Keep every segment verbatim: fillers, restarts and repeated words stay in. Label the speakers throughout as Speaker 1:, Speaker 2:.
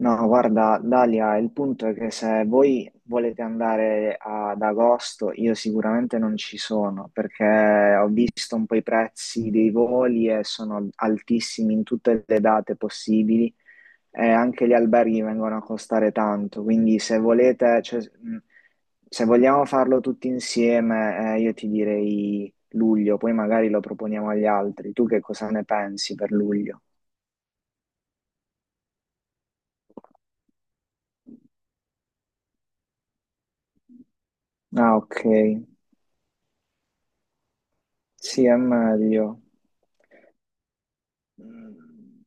Speaker 1: No, guarda, Dalia, il punto è che se voi volete andare ad agosto, io sicuramente non ci sono perché ho visto un po' i prezzi dei voli e sono altissimi in tutte le date possibili e anche gli alberghi vengono a costare tanto, quindi se volete, cioè, mh, se vogliamo farlo tutti insieme, eh, io ti direi luglio, poi magari lo proponiamo agli altri. Tu che cosa ne pensi per luglio? Ah, ok. Sì, è meglio. Mm.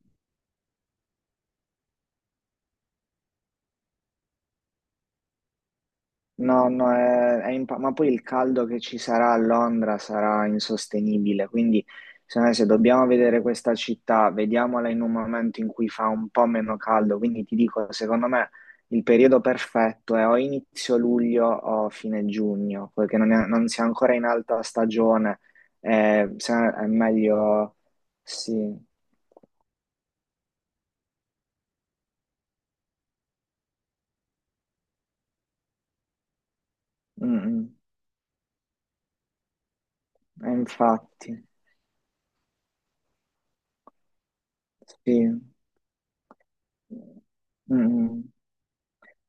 Speaker 1: No, no, è, è impa- ma poi il caldo che ci sarà a Londra sarà insostenibile, quindi secondo me se dobbiamo vedere questa città, vediamola in un momento in cui fa un po' meno caldo. Quindi ti dico, secondo me il periodo perfetto è o inizio luglio o fine giugno, perché non, è- non si è ancora in alta stagione. Eh, se- no, è meglio. Sì. Mm, mm. Eh, infatti. Sì. Mm, mm.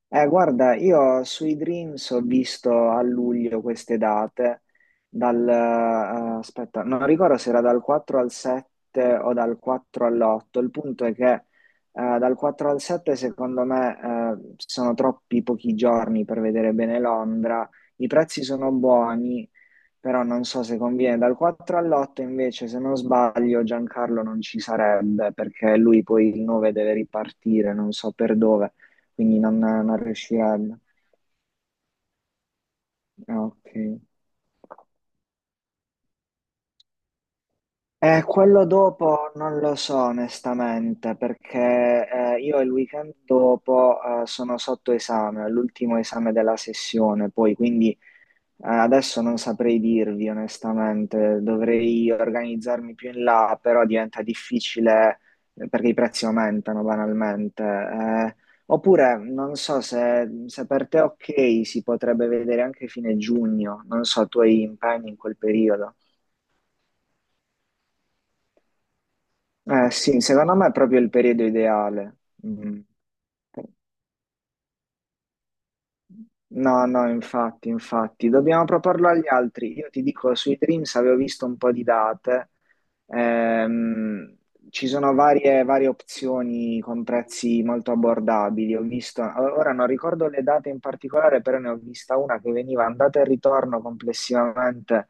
Speaker 1: Eh, guarda, io sui Dreams ho visto a luglio queste date. dal, eh, Aspetta, non ricordo se era dal quattro al sette o dal quattro all'otto, il punto è che eh, dal quattro al sette secondo me eh, sono troppi pochi giorni per vedere bene Londra, i prezzi sono buoni, però non so se conviene. Dal quattro all'otto invece, se non sbaglio, Giancarlo non ci sarebbe perché lui poi il nove deve ripartire, non so per dove, quindi non, non riuscirebbe. Ah, ok. Eh, quello dopo non lo so onestamente perché eh, io il weekend dopo eh, sono sotto esame, è l'ultimo esame della sessione, poi quindi Eh, adesso non saprei dirvi onestamente, dovrei organizzarmi più in là, però diventa difficile eh, perché i prezzi aumentano banalmente. Eh, oppure non so se, se per te è ok, si potrebbe vedere anche fine giugno, non so, tu hai impegni in quel periodo. Eh sì, secondo me è proprio il periodo ideale. Mm. No, no, infatti, infatti, dobbiamo proporlo agli altri. Io ti dico, sui Dreams avevo visto un po' di date. Ehm, Ci sono varie, varie opzioni con prezzi molto abbordabili. Ho visto, ora non ricordo le date in particolare, però ne ho vista una che veniva andata e ritorno complessivamente,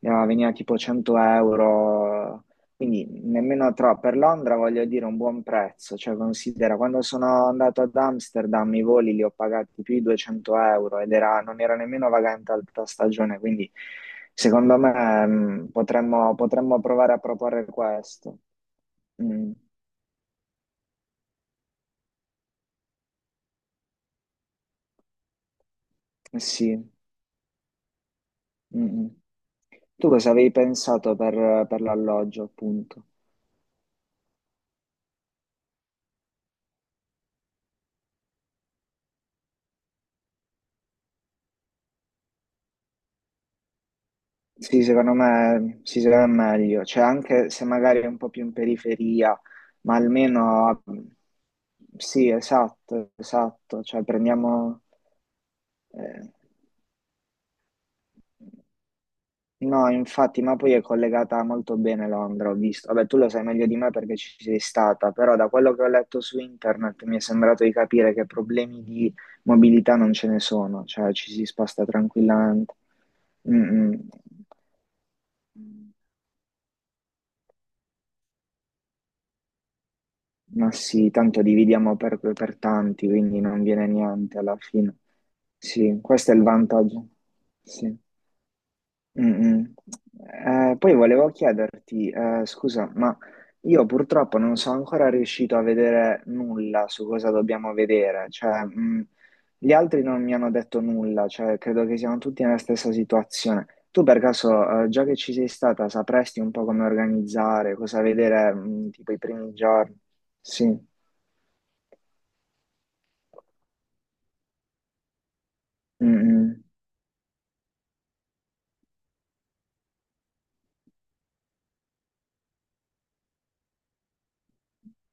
Speaker 1: eh, veniva tipo cento euro, quindi nemmeno troppo. Per Londra voglio dire un buon prezzo, cioè considera, quando sono andato ad Amsterdam i voli li ho pagati più di duecento euro ed era, non era nemmeno vagante alta stagione, quindi secondo me mh, potremmo, potremmo provare a proporre questo. Mm, sì. Mm, mm. Tu cosa avevi pensato per, per l'alloggio, appunto? Sì, secondo me si sarà meglio, cioè anche se magari è un po' più in periferia, ma almeno sì, esatto, esatto, cioè prendiamo... eh, No, infatti, ma poi è collegata molto bene Londra, ho visto. Vabbè, tu lo sai meglio di me perché ci sei stata, però da quello che ho letto su internet mi è sembrato di capire che problemi di mobilità non ce ne sono, cioè ci si sposta tranquillamente. Mm, mm. Ma sì, tanto dividiamo per, per tanti, quindi non viene niente alla fine. Sì, questo è il vantaggio. Sì. Mm, mm. Eh, poi volevo chiederti, eh, scusa, ma io purtroppo non sono ancora riuscito a vedere nulla su cosa dobbiamo vedere. Cioè, mm, gli altri non mi hanno detto nulla, cioè, credo che siamo tutti nella stessa situazione. Tu per caso, eh, già che ci sei stata, sapresti un po' come organizzare, cosa vedere, mm, tipo i primi giorni? Sì. Mm.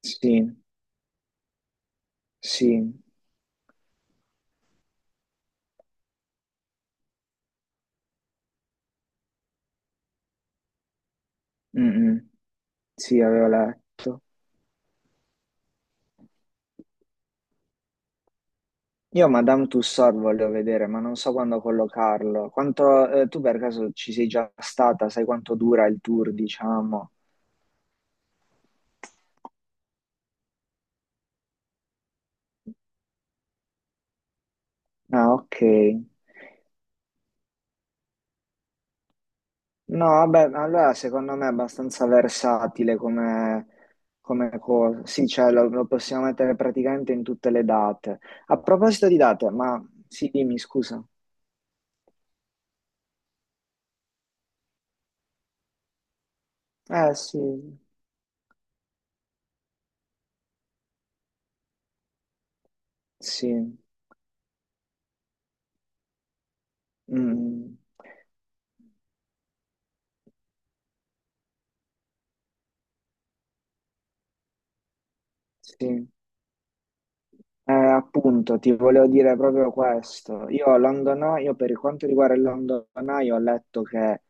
Speaker 1: Sì, sì. Mm. Sì, avevo letto. Io Madame Tussauds volevo vedere, ma non so quando collocarlo. Quanto, eh, tu per caso ci sei già stata? Sai quanto dura il tour, diciamo? Ah, ok. No, vabbè, allora secondo me è abbastanza versatile come, come cosa. Sì, cioè lo, lo possiamo mettere praticamente in tutte le date. A proposito di date, ma sì, dimmi, scusa. Eh, sì, sì. Mm, sì. Eh, appunto, ti volevo dire proprio questo. Io a London Eye, io per quanto riguarda il London Eye, ho letto che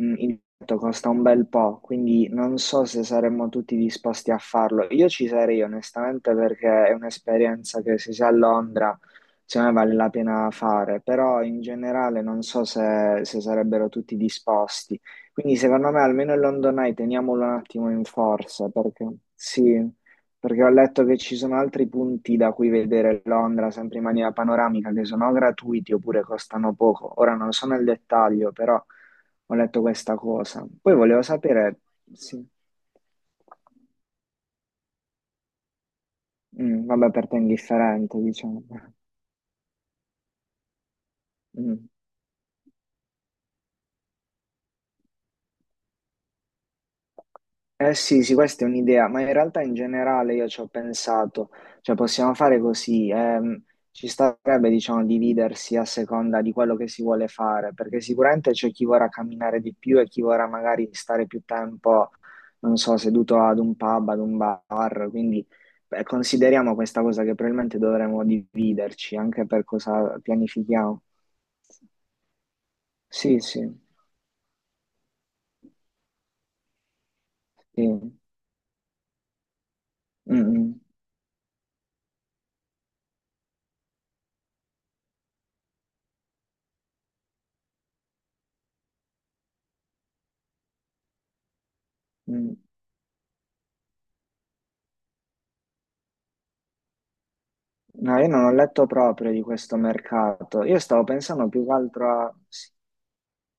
Speaker 1: mm, il biglietto costa un bel po', quindi non so se saremmo tutti disposti a farlo. Io ci sarei onestamente perché è un'esperienza che se si è a Londra, secondo me vale la pena fare, però in generale non so se, se sarebbero tutti disposti. Quindi secondo me almeno il London Eye teniamolo un attimo in forza, perché sì. Perché ho letto che ci sono altri punti da cui vedere Londra, sempre in maniera panoramica, che sono gratuiti oppure costano poco. Ora non so nel dettaglio, però ho letto questa cosa. Poi volevo sapere. Sì. Mm. Vabbè, per te è indifferente, diciamo. Mm. Eh sì, sì, questa è un'idea, ma in realtà in generale io ci ho pensato, cioè possiamo fare così, ehm, ci starebbe diciamo dividersi a seconda di quello che si vuole fare, perché sicuramente c'è chi vorrà camminare di più e chi vorrà magari stare più tempo, non so, seduto ad un pub, ad un bar, quindi beh, consideriamo questa cosa che probabilmente dovremmo dividerci anche per cosa pianifichiamo. Sì, sì, sì. Mm, mm, mm. No, io non ho letto proprio di questo mercato. Io stavo pensando più che altro a... Sì.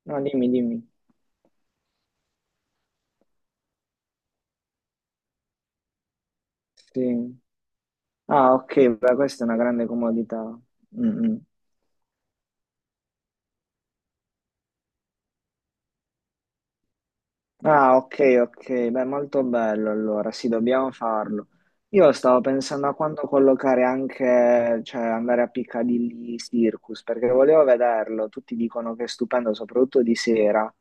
Speaker 1: No, dimmi, dimmi. Sì. Ah, ok, beh, questa è una grande comodità. Mm, mm. Ah, ok, ok, beh, molto bello allora, sì, dobbiamo farlo. Io stavo pensando a quando collocare anche, cioè andare a Piccadilly Circus, perché volevo vederlo, tutti dicono che è stupendo, soprattutto di sera.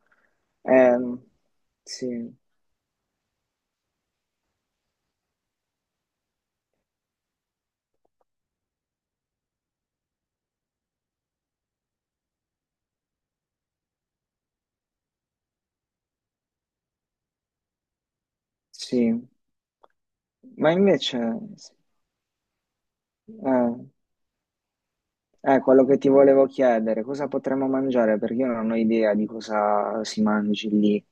Speaker 1: Ehm, sì, sì. Ma invece... Sì. Ah, eh, quello che ti volevo chiedere, cosa potremmo mangiare? Perché io non ho idea di cosa si mangi lì.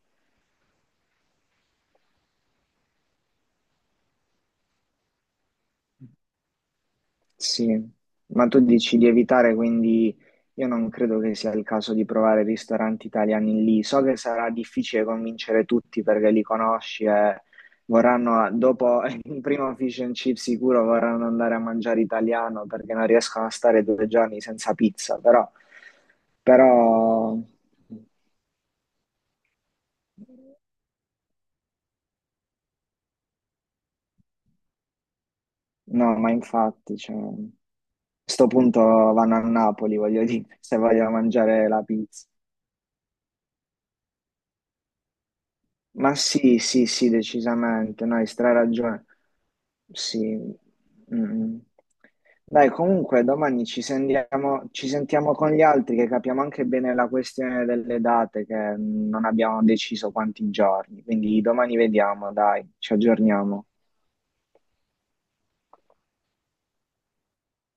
Speaker 1: Sì, ma tu dici di evitare, quindi io non credo che sia il caso di provare ristoranti italiani lì. So che sarà difficile convincere tutti perché li conosci e vorranno, dopo il primo fish and chip sicuro, vorranno andare a mangiare italiano perché non riescono a stare due giorni senza pizza, però... Però. No, ma infatti, cioè, a sto punto vanno a Napoli, voglio dire, se voglio mangiare la pizza. Ma sì, sì, sì, decisamente, no, hai stra ragione. Sì. Mm. Dai, comunque domani ci sentiamo, ci sentiamo con gli altri che capiamo anche bene la questione delle date che non abbiamo deciso quanti giorni. Quindi domani vediamo, dai, ci aggiorniamo.